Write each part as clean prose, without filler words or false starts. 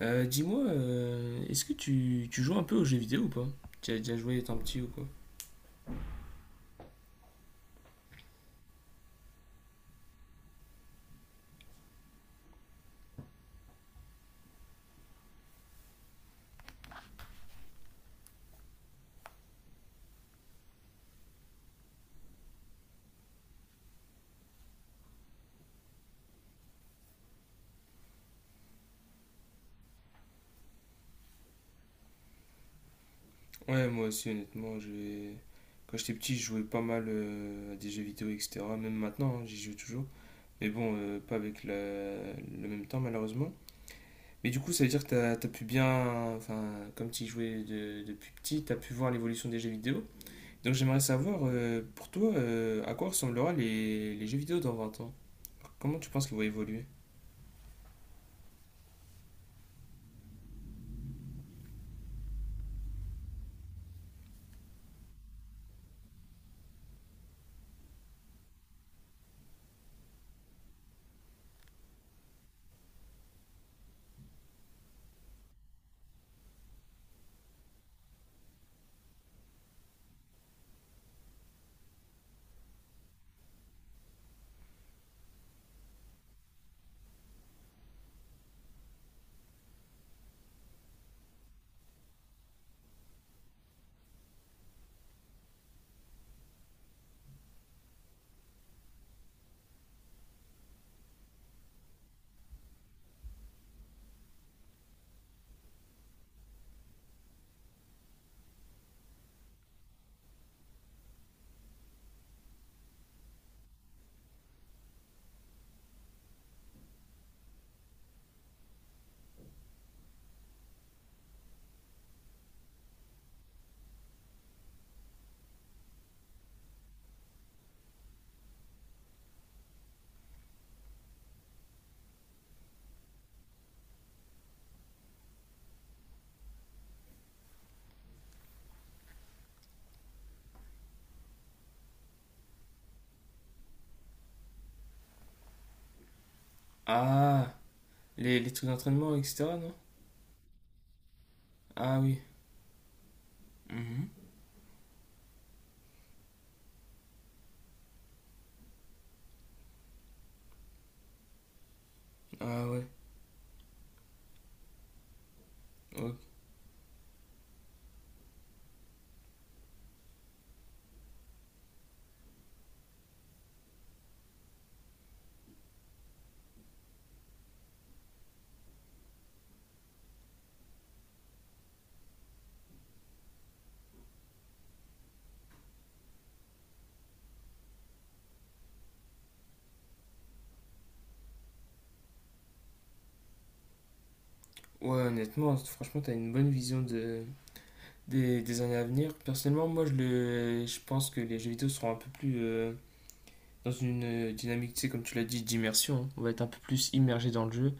Dis-moi, est-ce que tu joues un peu aux jeux vidéo ou pas? Tu as déjà joué étant petit ou quoi? Ouais, moi aussi, honnêtement, j'ai... Quand j'étais petit, je jouais pas mal à des jeux vidéo, etc. Même maintenant, hein, j'y joue toujours. Mais bon, pas avec le même temps, malheureusement. Mais du coup, ça veut dire que t'as pu bien. Enfin, comme tu y jouais depuis petit, t'as pu voir l'évolution des jeux vidéo. Donc, j'aimerais savoir, pour toi, à quoi ressemblera les jeux vidéo dans 20 ans? Comment tu penses qu'ils vont évoluer? Ah, les trucs d'entraînement, etc., non? Ah oui. Mmh. Ah ouais. Ok. Ouais, honnêtement, franchement, t'as une bonne vision des années à venir. Personnellement, moi, je pense que les jeux vidéo seront un peu plus dans une dynamique, tu sais, comme tu l'as dit, d'immersion. On va être un peu plus immergé dans le jeu.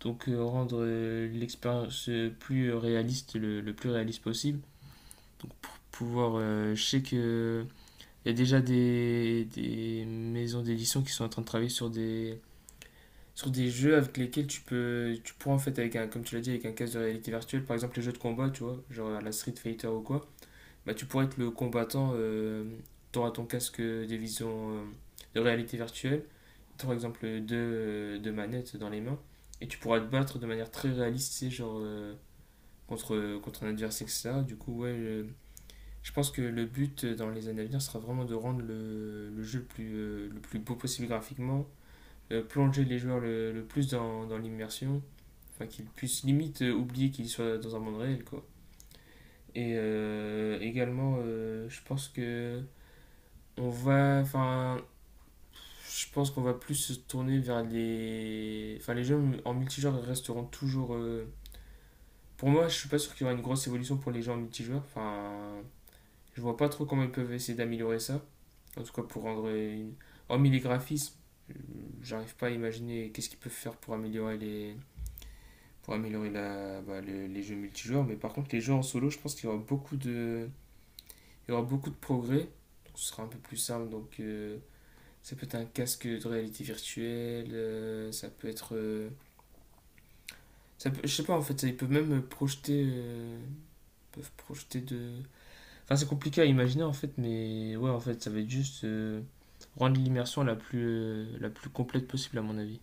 Donc, rendre l'expérience plus réaliste, le plus réaliste possible. Donc, pour pouvoir, je sais que. Il y a déjà des maisons d'édition qui sont en train de travailler sur des jeux avec lesquels tu pourras en fait, avec un, comme tu l'as dit, avec un casque de réalité virtuelle, par exemple les jeux de combat, tu vois, genre à la Street Fighter ou quoi, bah tu pourras être le combattant. T'auras ton casque de vision, de réalité virtuelle, par exemple deux manettes dans les mains, et tu pourras te battre de manière très réaliste, tu sais, genre, contre un adversaire, etc. Du coup, ouais, je pense que le but, dans les années à venir, sera vraiment de rendre le jeu le plus, le plus beau possible graphiquement, plonger les joueurs le plus dans l'immersion. Enfin, qu'il puisse limite oublier qu'il soit dans un monde réel, quoi. Et également, je pense que enfin, je pense qu'on va plus se tourner vers enfin, les jeux en multijoueur resteront toujours, pour moi. Je suis pas sûr qu'il y aura une grosse évolution pour les jeux en multijoueur. Enfin, je vois pas trop comment ils peuvent essayer d'améliorer ça. En tout cas, pour rendre hormis les graphismes, euh, j'arrive pas à imaginer qu'est-ce qu'ils peuvent faire pour améliorer les pour améliorer bah, les jeux multijoueurs. Mais par contre, les jeux en solo, je pense qu'il y aura beaucoup de progrès. Donc, ce sera un peu plus simple. Donc, ça peut être un casque de réalité virtuelle, ça peut être, je sais pas en fait. Ils peuvent même projeter, ils peuvent projeter de. Enfin, c'est compliqué à imaginer en fait. Mais ouais, en fait, ça va être juste, rendre l'immersion la plus complète possible à mon avis.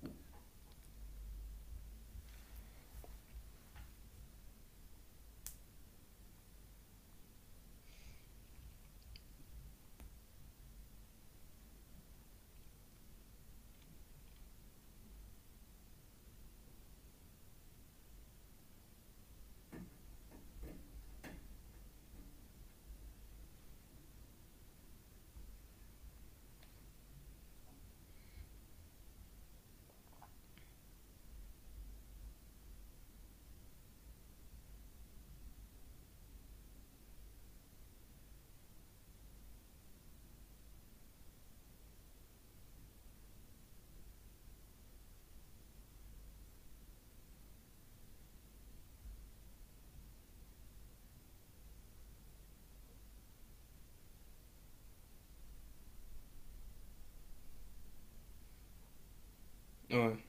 Ouais.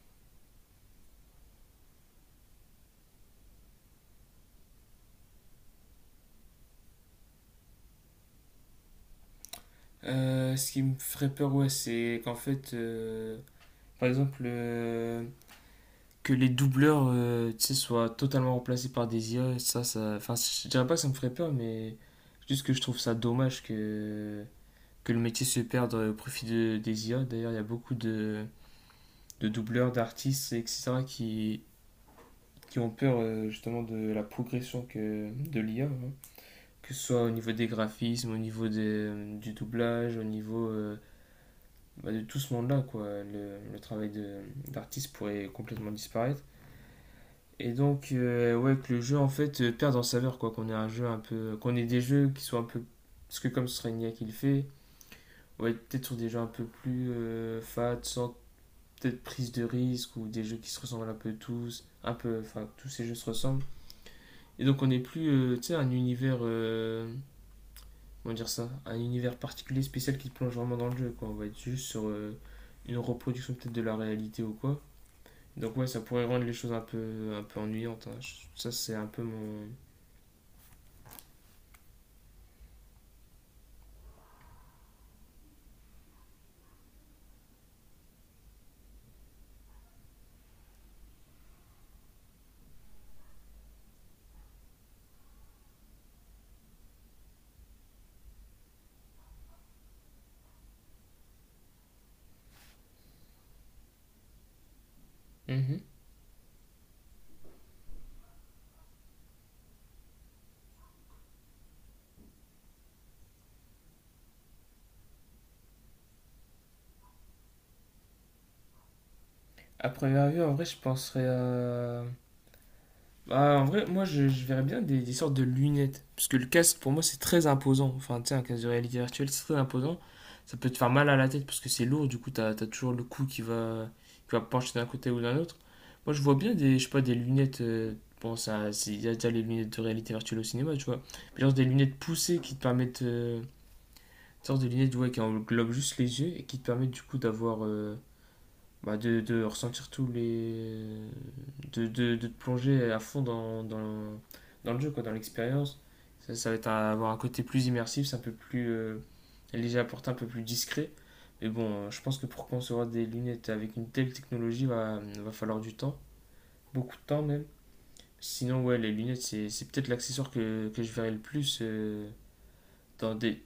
Ce qui me ferait peur, ouais, c'est qu'en fait, par exemple, que les doubleurs, tu sais, soient totalement remplacés par des IA, ça. Enfin, je dirais pas que ça me ferait peur, mais juste que je trouve ça dommage que le métier se perde, au profit des IA. D'ailleurs, il y a beaucoup de doubleurs, d'artistes, etc., qui ont peur, justement de la progression de l'IA, hein. Que ce soit au niveau des graphismes, au niveau du doublage, au niveau bah, de tout ce monde-là, quoi. Le travail d'artiste pourrait complètement disparaître. Et donc, ouais, que le jeu en fait, perde en saveur, quoi. Qu'on ait un jeu un peu. Qu'on ait des jeux qui soient un peu. Parce que comme ce serait une IA qui le fait, ouais, peut-être sur des jeux un peu plus, fat, sans peut-être prise de risque, ou des jeux qui se ressemblent un peu tous, un peu. Enfin, tous ces jeux se ressemblent. Et donc, on n'est plus, tu sais, un univers, comment dire ça? Un univers particulier, spécial qui te plonge vraiment dans le jeu, quoi. On va être juste sur, une reproduction peut-être de la réalité ou quoi. Donc, ouais, ça pourrait rendre les choses un peu ennuyantes, hein. Ça, c'est un peu mon. Mhm. À première vue, en vrai, je penserais à. Bah, en vrai, moi, je verrais bien des sortes de lunettes. Parce que le casque, pour moi, c'est très imposant. Enfin, tu sais, un casque de réalité virtuelle, c'est très imposant. Ça peut te faire mal à la tête parce que c'est lourd. Du coup, t'as toujours le cou qui va pencher d'un côté ou d'un autre. Moi, je vois bien des, je sais pas, des lunettes, bon, ça, il y a déjà les lunettes de réalité virtuelle au cinéma, tu vois. Mais genre des lunettes poussées qui te permettent, une sorte de lunettes, ouais, qui englobent juste les yeux et qui te permettent, du coup, d'avoir, bah, de ressentir tous les, de te plonger à fond dans le jeu, quoi, dans l'expérience. Ça va être avoir un côté plus immersif, c'est un peu plus, léger à porter, un peu plus discret. Mais bon, je pense que pour concevoir des lunettes avec une telle technologie, va falloir du temps, beaucoup de temps même. Sinon, ouais, les lunettes, c'est peut-être l'accessoire que je verrai le plus, dans des.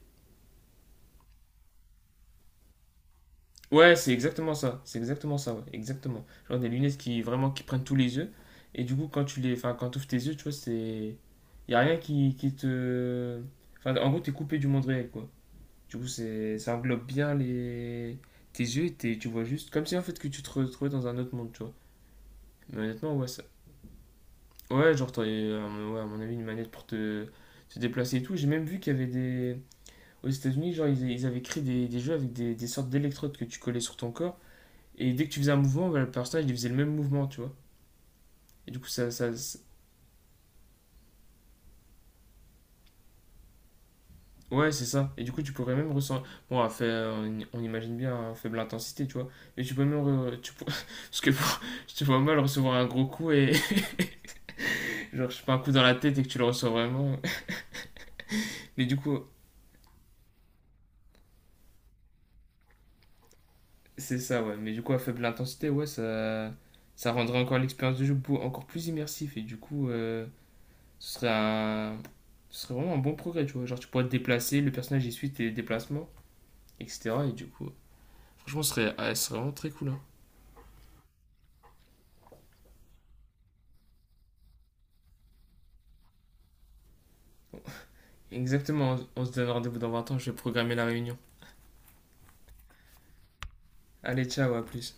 Ouais, c'est exactement ça. C'est exactement ça, ouais. Exactement. Genre des lunettes qui vraiment qui prennent tous les yeux. Et du coup, quand tu les, enfin, quand ouvres tes yeux, tu vois, c'est, y a rien qui te, enfin, en gros, t'es coupé du monde réel, quoi. Du coup, c'est, ça englobe bien les, tes yeux, et tu vois juste, comme si en fait que tu te retrouvais dans un autre monde, tu vois. Mais honnêtement, ouais, ça, ouais, genre, t'aurais, ouais, à mon avis, une manette pour te déplacer et tout. J'ai même vu qu'il y avait des, aux États-Unis, genre, ils avaient créé des jeux avec des sortes d'électrodes que tu collais sur ton corps. Et dès que tu faisais un mouvement, bah, le personnage il faisait le même mouvement, tu vois. Et du coup, ça. Ouais, c'est ça. Et du coup, tu pourrais même ressentir. Bon, à fait, on imagine bien à faible intensité, tu vois. Mais tu peux même. Tu... Parce que je te vois mal recevoir un gros coup et. Genre, je sais pas, un coup dans la tête et que tu le ressens vraiment. Mais du coup, c'est ça, ouais. Mais du coup, à faible intensité, ouais, ça. Ça rendrait encore l'expérience de jeu encore plus immersif. Et du coup, ce serait un. Ce serait vraiment un bon progrès, tu vois. Genre, tu pourrais te déplacer, le personnage il suit tes déplacements, etc. Et du coup. Franchement, ah, ce serait vraiment très cool, hein. Exactement, on se donne rendez-vous dans 20 ans, je vais programmer la réunion. Allez, ciao, à plus.